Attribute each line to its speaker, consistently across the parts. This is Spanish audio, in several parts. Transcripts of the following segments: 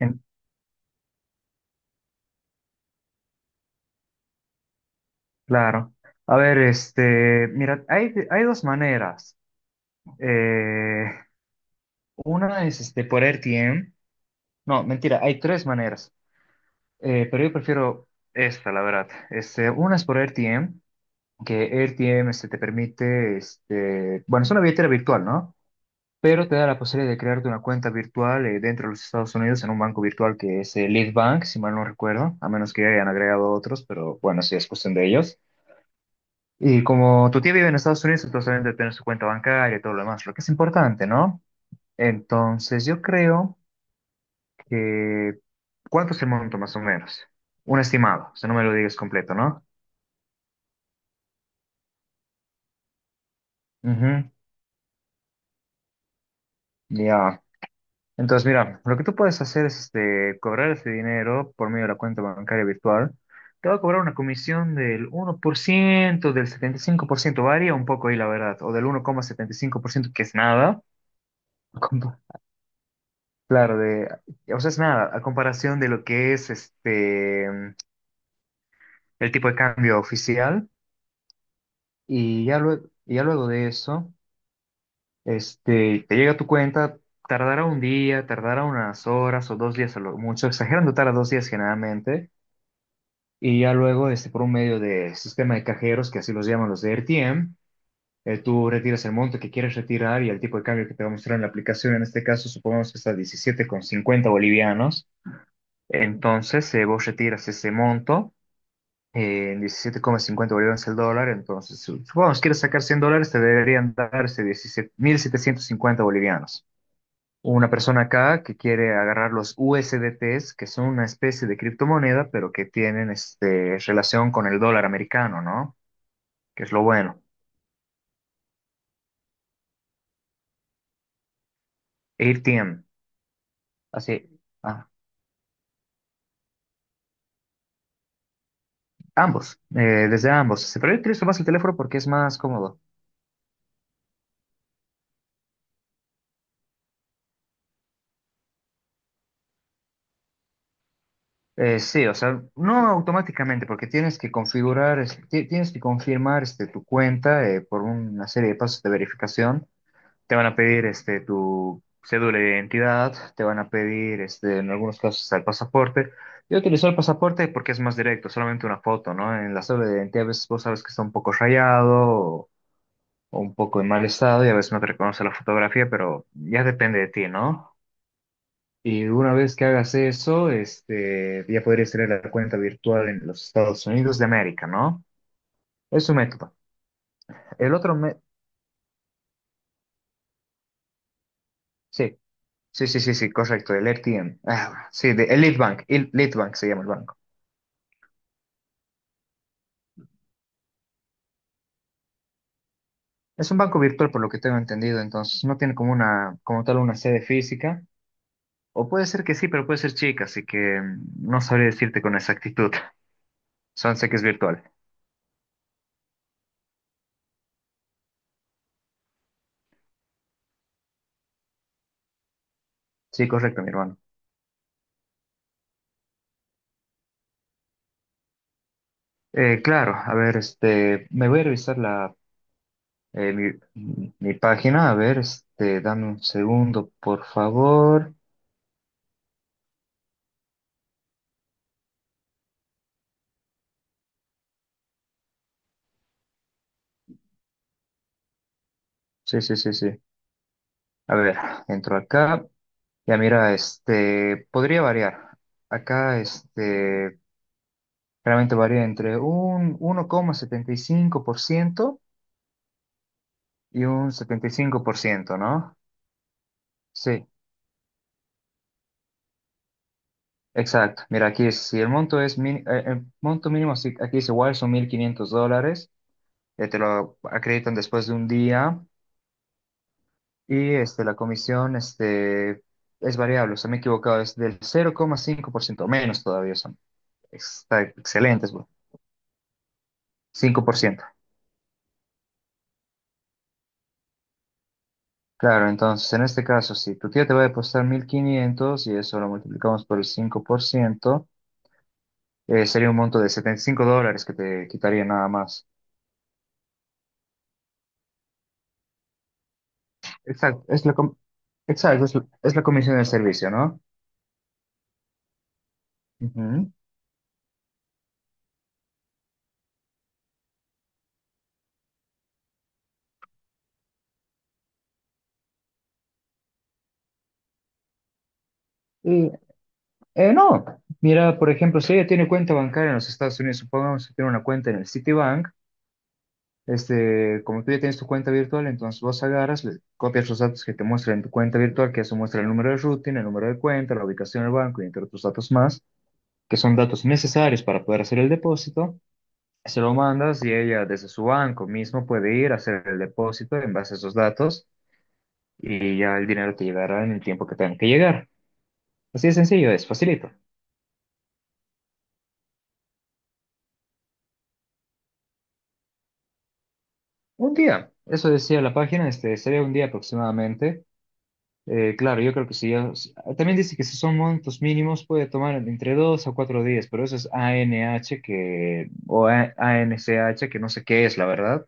Speaker 1: En- claro. A ver, mira, hay dos maneras. Eh, una es por R T M. No, mentira, hay tres maneras. Pero yo prefiero esta, la verdad. Una es por R T M, que R T M te permite, bueno, es una billetera virtual, ¿no? Pero te da la posibilidad de crearte una cuenta virtual dentro de los Estados Unidos en un banco virtual que es Lead Bank, si mal no recuerdo, a menos que hayan agregado otros, pero bueno, sí es cuestión de ellos. Y como tu tía vive en Estados Unidos, entonces obviamente debe tener su cuenta bancaria y todo lo demás, lo que es importante, ¿no? Entonces yo creo que… ¿Cuánto es el monto más o menos? Un estimado, o sea, no me lo digas completo, ¿no? Ujú. Ya. Entonces, mira, lo que tú puedes hacer es cobrar ese dinero por medio de la cuenta bancaria virtual. Te va a cobrar una comisión del 1%, del 75%, varía un poco ahí la verdad, o del 1,75%, que es nada. Claro, de, o sea, es nada, a comparación de lo que es el tipo de cambio oficial. Y ya luego de eso, te llega a tu cuenta, tardará un día, tardará unas horas o dos días a lo mucho, exagerando tarda dos días generalmente. Y ya luego, por un medio de sistema de cajeros, que así los llaman los de RTM, tú retiras el monto que quieres retirar y el tipo de cambio que te va a mostrar en la aplicación, en este caso, supongamos que está 17,50 bolivianos. Entonces vos retiras ese monto, en 17,50 bolivianos el dólar. Entonces, supongamos que quieres sacar $100, te deberían darse 17.750 bolivianos. Una persona acá que quiere agarrar los USDTs, que son una especie de criptomoneda, pero que tienen relación con el dólar americano, ¿no? Que es lo bueno. ATM, así. ah, Ambos, desde ambos. Pero yo utilizo más el teléfono porque es más cómodo. Sí, o sea, no automáticamente, porque tienes que configurar, tienes que confirmar tu cuenta, por una serie de pasos de verificación. Te van a pedir tu cédula de identidad, te van a pedir en algunos casos hasta el pasaporte. Yo utilizo el pasaporte porque es más directo, solamente una foto, ¿no? En la cédula de identidad a veces vos sabes que está un poco rayado o un poco en mal estado y a veces no te reconoce la fotografía, pero ya depende de ti, ¿no? Y una vez que hagas eso, ya podrías tener la cuenta virtual en los Estados Unidos de América, ¿no? Es un método. El otro me- sí, sí, sí, sí, sí, correcto, el RTM. Ah, sí, el Lead Bank se llama el banco. Es un banco virtual por lo que tengo entendido, entonces no tiene como tal una sede física. O puede ser que sí, pero puede ser chica, así que no sabría decirte con exactitud. Solo sé que es virtual. Sí, correcto, mi hermano. Claro, a ver, me voy a revisar la… Mi página. A ver, dame un segundo, por favor. Sí, sí, sí, sí. A ver, entro acá. Ya mira, podría variar. Acá, realmente varía entre un 1,75% y un 75%, ¿no? Sí, exacto. Mira, si el monto es, el monto mínimo, si aquí es igual, son $1.500. Te lo acreditan después de un día. Y la comisión, es variable, o sea, me he equivocado, es del 0,5%, menos todavía son. Está excelentes, bro. 5%. Claro, entonces en este caso, si tu tío te va a depositar 1.500 y eso lo multiplicamos por el 5%, sería un monto de $75 que te quitaría nada más. Exacto, es la, com- exacto, es la comisión del servicio, ¿no? Ujú. Y, no, mira, por ejemplo, si ella tiene cuenta bancaria en los Estados Unidos, supongamos que tiene una cuenta en el Citibank. Como tú ya tienes tu cuenta virtual, entonces vos agarras, le copias los datos que te muestra en tu cuenta virtual, que eso muestra el número de routing, el número de cuenta, la ubicación del banco y entre otros datos más, que son datos necesarios para poder hacer el depósito. Se lo mandas y ella desde su banco mismo puede ir a hacer el depósito en base a esos datos, y ya el dinero te llegará en el tiempo que tenga que llegar. Así de sencillo, es facilito. Un día, eso decía la página, sería un día aproximadamente. Claro, yo creo que sí. También dice que si son montos mínimos puede tomar entre 2 a 4 días, pero eso es ANH, que o ANCH, que no sé qué es, la verdad.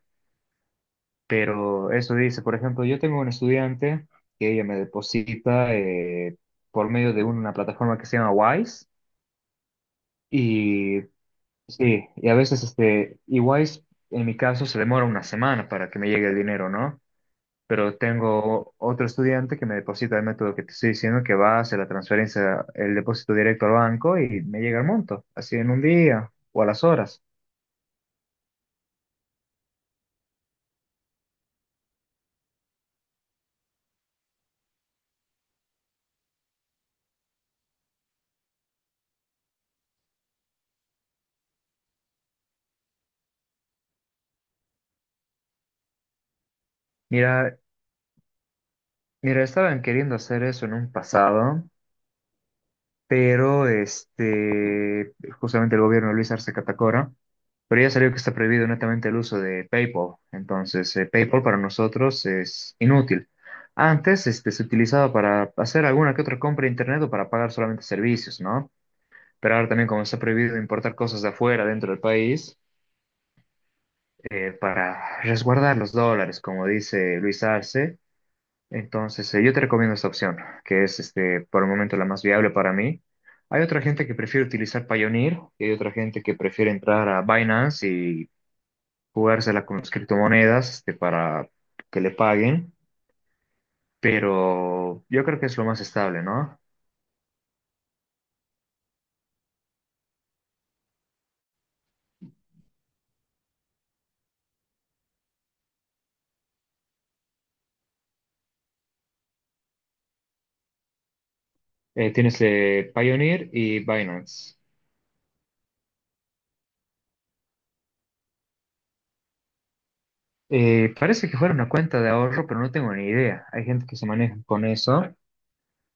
Speaker 1: Pero eso dice. Por ejemplo, yo tengo una estudiante que ella me deposita por medio de una plataforma que se llama Wise. Y sí, y a veces, y Wise en mi caso se demora una semana para que me llegue el dinero, ¿no? Pero tengo otro estudiante que me deposita el método que te estoy diciendo, que va a hacer la transferencia, el depósito directo al banco, y me llega el monto así en un día o a las horas. Mira, mira, estaban queriendo hacer eso en un pasado, pero justamente el gobierno de Luis Arce Catacora, pero ya salió que está prohibido netamente el uso de PayPal, entonces PayPal para nosotros es inútil. Antes se utilizaba para hacer alguna que otra compra de internet o para pagar solamente servicios, ¿no? Pero ahora también, como está prohibido importar cosas de afuera dentro del país, para resguardar los dólares, como dice Luis Arce, entonces yo te recomiendo esta opción, que es, por el momento, la más viable para mí. Hay otra gente que prefiere utilizar Payoneer y hay otra gente que prefiere entrar a Binance y jugársela con las criptomonedas, para que le paguen, pero yo creo que es lo más estable, ¿no? Tienes, Payoneer y Binance. Parece que fuera una cuenta de ahorro, pero no tengo ni idea. Hay gente que se maneja con eso.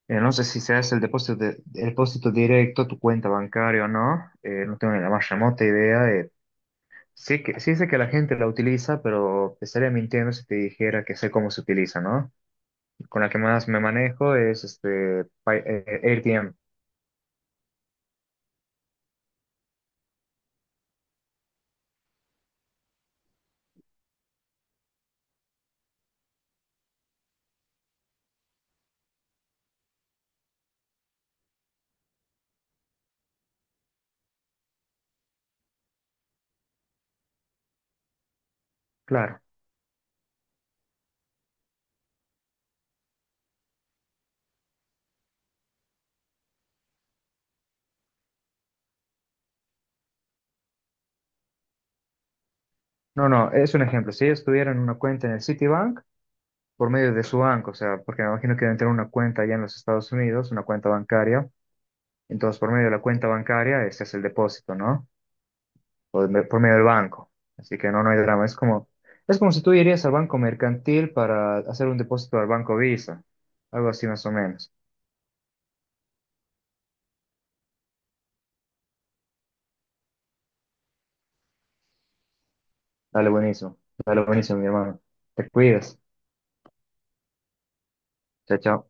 Speaker 1: No sé si se hace el depósito, el depósito directo a tu cuenta bancaria o no. No tengo ni la más remota idea. Sí sé que la gente la utiliza, pero te estaría mintiendo si te dijera que sé cómo se utiliza, ¿no? Con la que más me manejo es AirTM, claro. No, no, es un ejemplo. Si ellos tuvieran una cuenta en el Citibank, por medio de su banco, o sea, porque me imagino que deben tener una cuenta allá en los Estados Unidos, una cuenta bancaria. Entonces, por medio de la cuenta bancaria, este es el depósito, ¿no? O por medio del banco. Así que no, no hay drama. Es como si tú irías al banco mercantil para hacer un depósito al banco Visa. Algo así más o menos. Dale, buenísimo. Dale, buenísimo, mi hermano. Te cuidas. Chao, chao.